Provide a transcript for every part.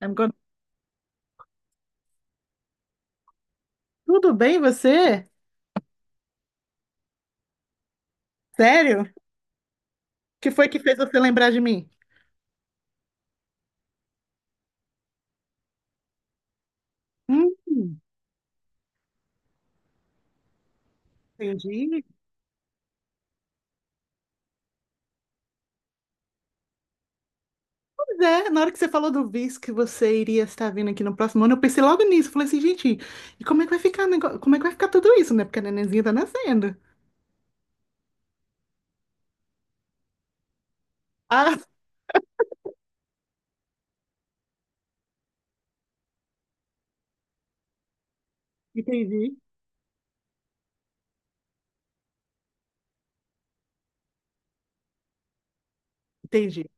I'm gonna- Tudo bem, você? Sério? O que foi que fez você lembrar de mim? Hum, entendi. Pois é, na hora que você falou do visto que você iria estar vindo aqui no próximo ano, eu pensei logo nisso. Falei assim, gente, e como é que vai ficar, como é que vai ficar tudo isso, né? Porque a nenenzinha tá nascendo. Ah, entendi. Entendi.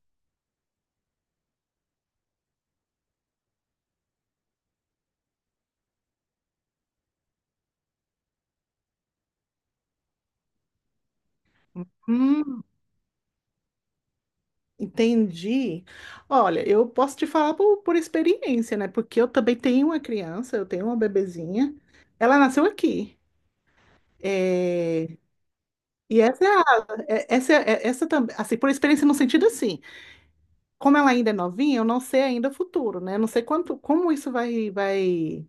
Hum, entendi. Olha, eu posso te falar por experiência, né? Porque eu também tenho uma criança, eu tenho uma bebezinha. Ela nasceu aqui. É. E essa é É. Essa também, assim, por experiência no sentido assim, como ela ainda é novinha, eu não sei ainda o futuro, né? Eu não sei quanto, como isso vai,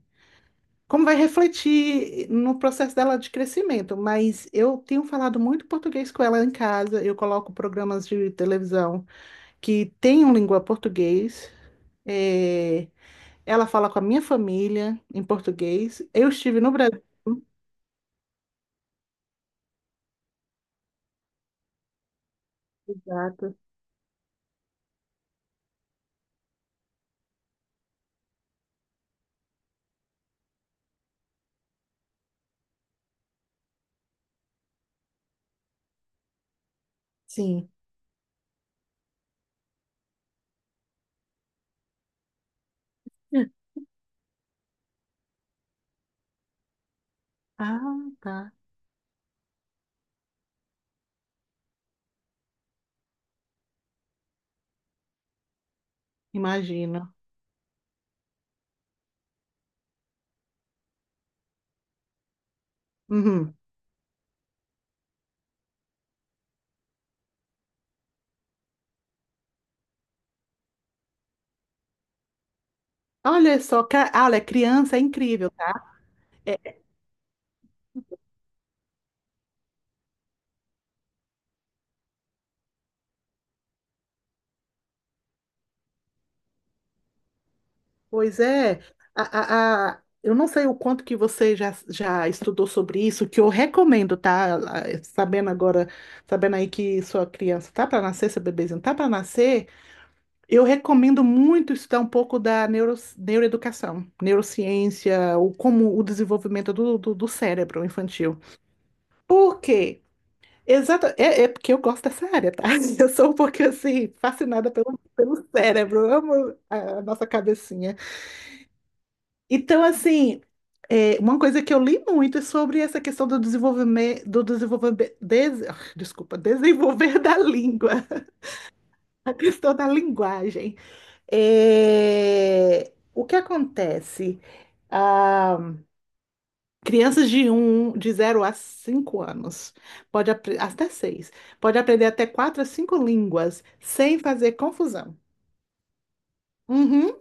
como vai refletir no processo dela de crescimento, mas eu tenho falado muito português com ela em casa, eu coloco programas de televisão que tenham língua português, é, ela fala com a minha família em português, eu estive no Brasil, exato, sim. Ah, tá, imagino. Uhum. Olha só, olha, criança é incrível. É, é, pois é, eu não sei o quanto que você já estudou sobre isso, que eu recomendo, tá? Ah, sabendo aí que sua criança tá para nascer, seu bebezinho tá para nascer, eu recomendo muito estudar um pouco da neuroeducação, neurociência, como o desenvolvimento do cérebro infantil. Por quê? Exato, é porque eu gosto dessa área, tá? Eu sou um pouquinho assim, fascinada pelo cérebro, eu amo a nossa cabecinha. Então, assim, uma coisa que eu li muito é sobre essa questão do desenvolvimento, desculpa, desenvolver da língua, a questão da linguagem. É, o que acontece? Ah, crianças de 0 a 5 anos, pode até 6, pode aprender até 4 a 5 línguas sem fazer confusão. Uhum,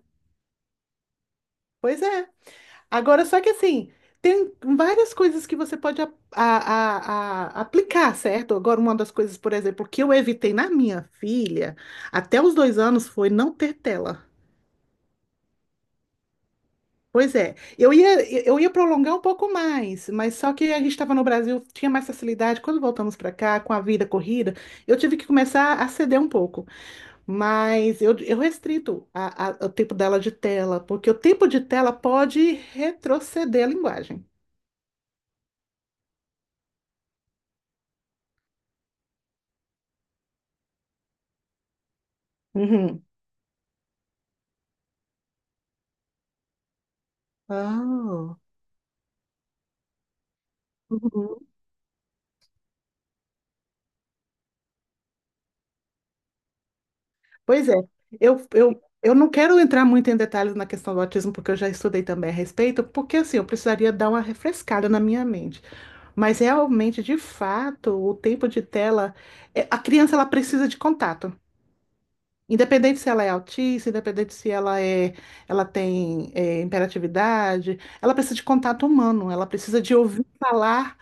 pois é. Agora, só que assim, tem várias coisas que você pode aplicar, certo? Agora, uma das coisas, por exemplo, que eu evitei na minha filha até os 2 anos foi não ter tela. Pois é, eu ia prolongar um pouco mais, mas só que a gente estava no Brasil, tinha mais facilidade. Quando voltamos para cá, com a vida corrida, eu tive que começar a ceder um pouco. Mas eu restrito o tempo dela de tela, porque o tempo de tela pode retroceder a linguagem. Uhum. Ah, uhum. Pois é, eu não quero entrar muito em detalhes na questão do autismo, porque eu já estudei também a respeito, porque assim, eu precisaria dar uma refrescada na minha mente. Mas realmente, de fato, o tempo de tela, a criança ela precisa de contato. Independente se ela é autista, independente se ela tem é, hiperatividade, ela precisa de contato humano, ela precisa de ouvir falar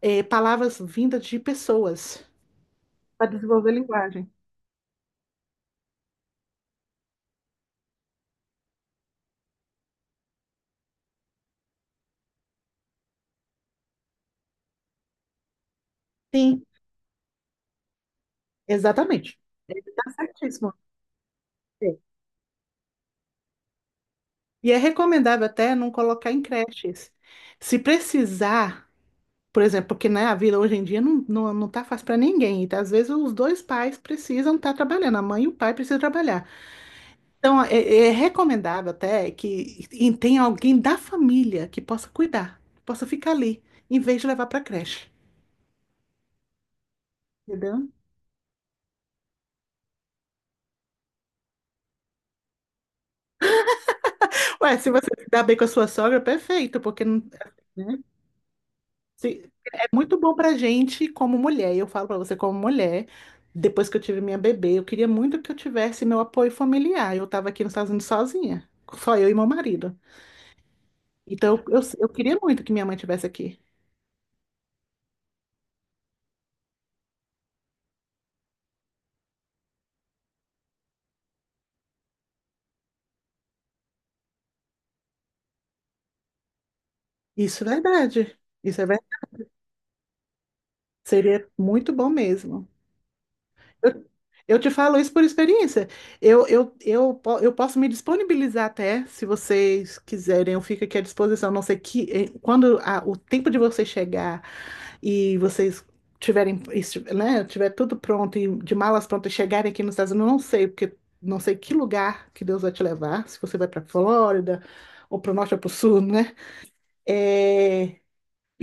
palavras vindas de pessoas para desenvolver linguagem. Sim, exatamente. Tá certíssimo. É. E é recomendável até não colocar em creches. Se precisar. Por exemplo, porque né, a vida hoje em dia não tá fácil para ninguém. Então, às vezes os dois pais precisam estar trabalhando, a mãe e o pai precisam trabalhar. Então, é recomendável até que e tenha alguém da família que possa cuidar, que possa ficar ali, em vez de levar para creche. Entendeu? Ué, se você se dá bem com a sua sogra, perfeito, porque não, né? Sim, é muito bom pra gente como mulher, e eu falo pra você como mulher, depois que eu tive minha bebê, eu queria muito que eu tivesse meu apoio familiar. Eu tava aqui nos Estados Unidos sozinha, só eu e meu marido. Então eu queria muito que minha mãe tivesse aqui. Isso é verdade. Isso é verdade. Seria muito bom mesmo. Eu eu te falo isso por experiência. Eu posso me disponibilizar até, se vocês quiserem, eu fico aqui à disposição. Não sei que quando o tempo de vocês chegar e vocês tiverem, né, tiver tudo pronto e de malas prontas chegarem aqui nos Estados Unidos, eu não sei, porque não sei que lugar que Deus vai te levar, se você vai para Flórida ou para o norte ou para o sul, né? É,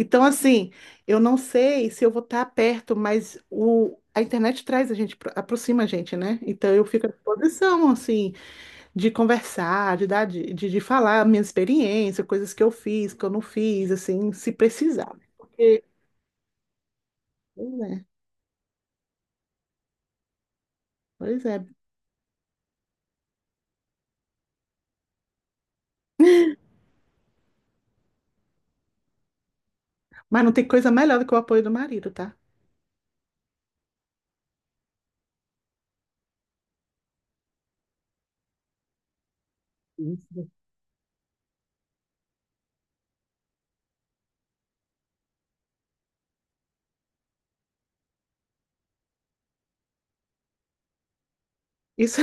então, assim, eu não sei se eu vou estar perto, mas a internet traz a gente, aproxima a gente, né? Então, eu fico à disposição, assim, de conversar, de dar, de falar a minha experiência, coisas que eu fiz, que eu não fiz, assim, se precisar, né? Porque, pois é, pois é. Mas não tem coisa melhor do que o apoio do marido, tá? Isso. Isso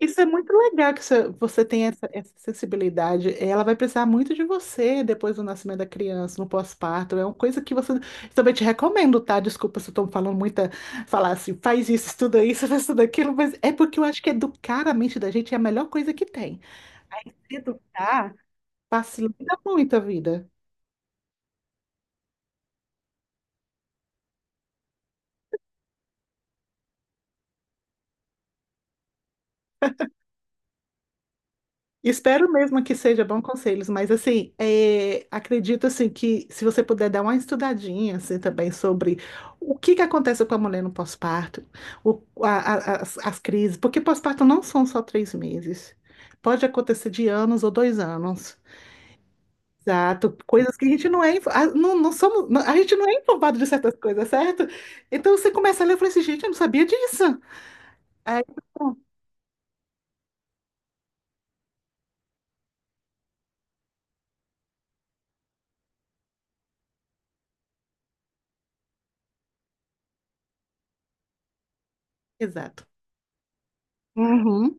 Isso é muito legal que você tem essa sensibilidade. Ela vai precisar muito de você depois do nascimento da criança, no pós-parto. É uma coisa que você também te recomendo, tá? Desculpa se eu tô falando muita, falar assim, faz isso, estuda isso, faz tudo aquilo, mas é porque eu acho que educar a mente da gente é a melhor coisa que tem. Aí, se educar facilita muito a vida. Espero mesmo que seja bom conselhos, mas assim, acredito assim que se você puder dar uma estudadinha assim, também sobre o que que acontece com a mulher no pós-parto, as crises, porque pós-parto não são só 3 meses, pode acontecer de anos ou 2 anos, exato, coisas que a gente não é informado de certas coisas, certo? Então você começa a ler e fala assim, gente, eu não sabia disso. Aí, bom, exato. Uhum.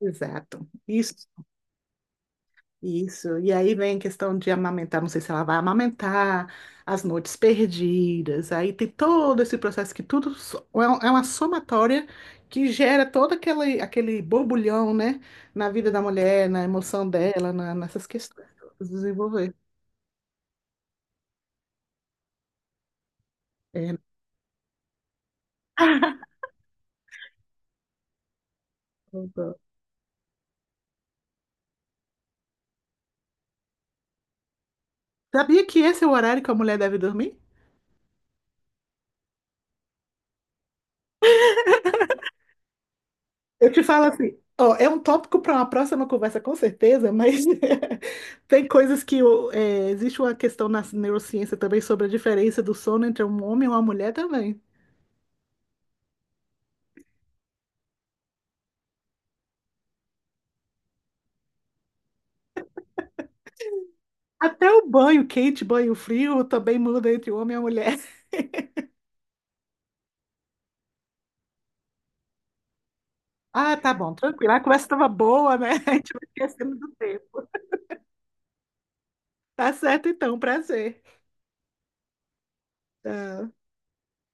Exato. Isso. Isso, e aí vem a questão de amamentar, não sei se ela vai amamentar, as noites perdidas, aí tem todo esse processo que é uma somatória que gera todo aquele borbulhão, né, na vida da mulher, na emoção dela, nessas questões, todas, desenvolver. É, não dá. Sabia que esse é o horário que a mulher deve dormir? Eu te falo assim, ó, é um tópico para uma próxima conversa, com certeza, mas tem coisas que existe uma questão na neurociência também sobre a diferença do sono entre um homem e uma mulher também. Até o banho quente, banho frio também muda entre o homem e a mulher. Ah, tá bom, tranquilo. A conversa estava boa, né? A gente vai esquecendo do tempo. Tá certo então, prazer. Tchau.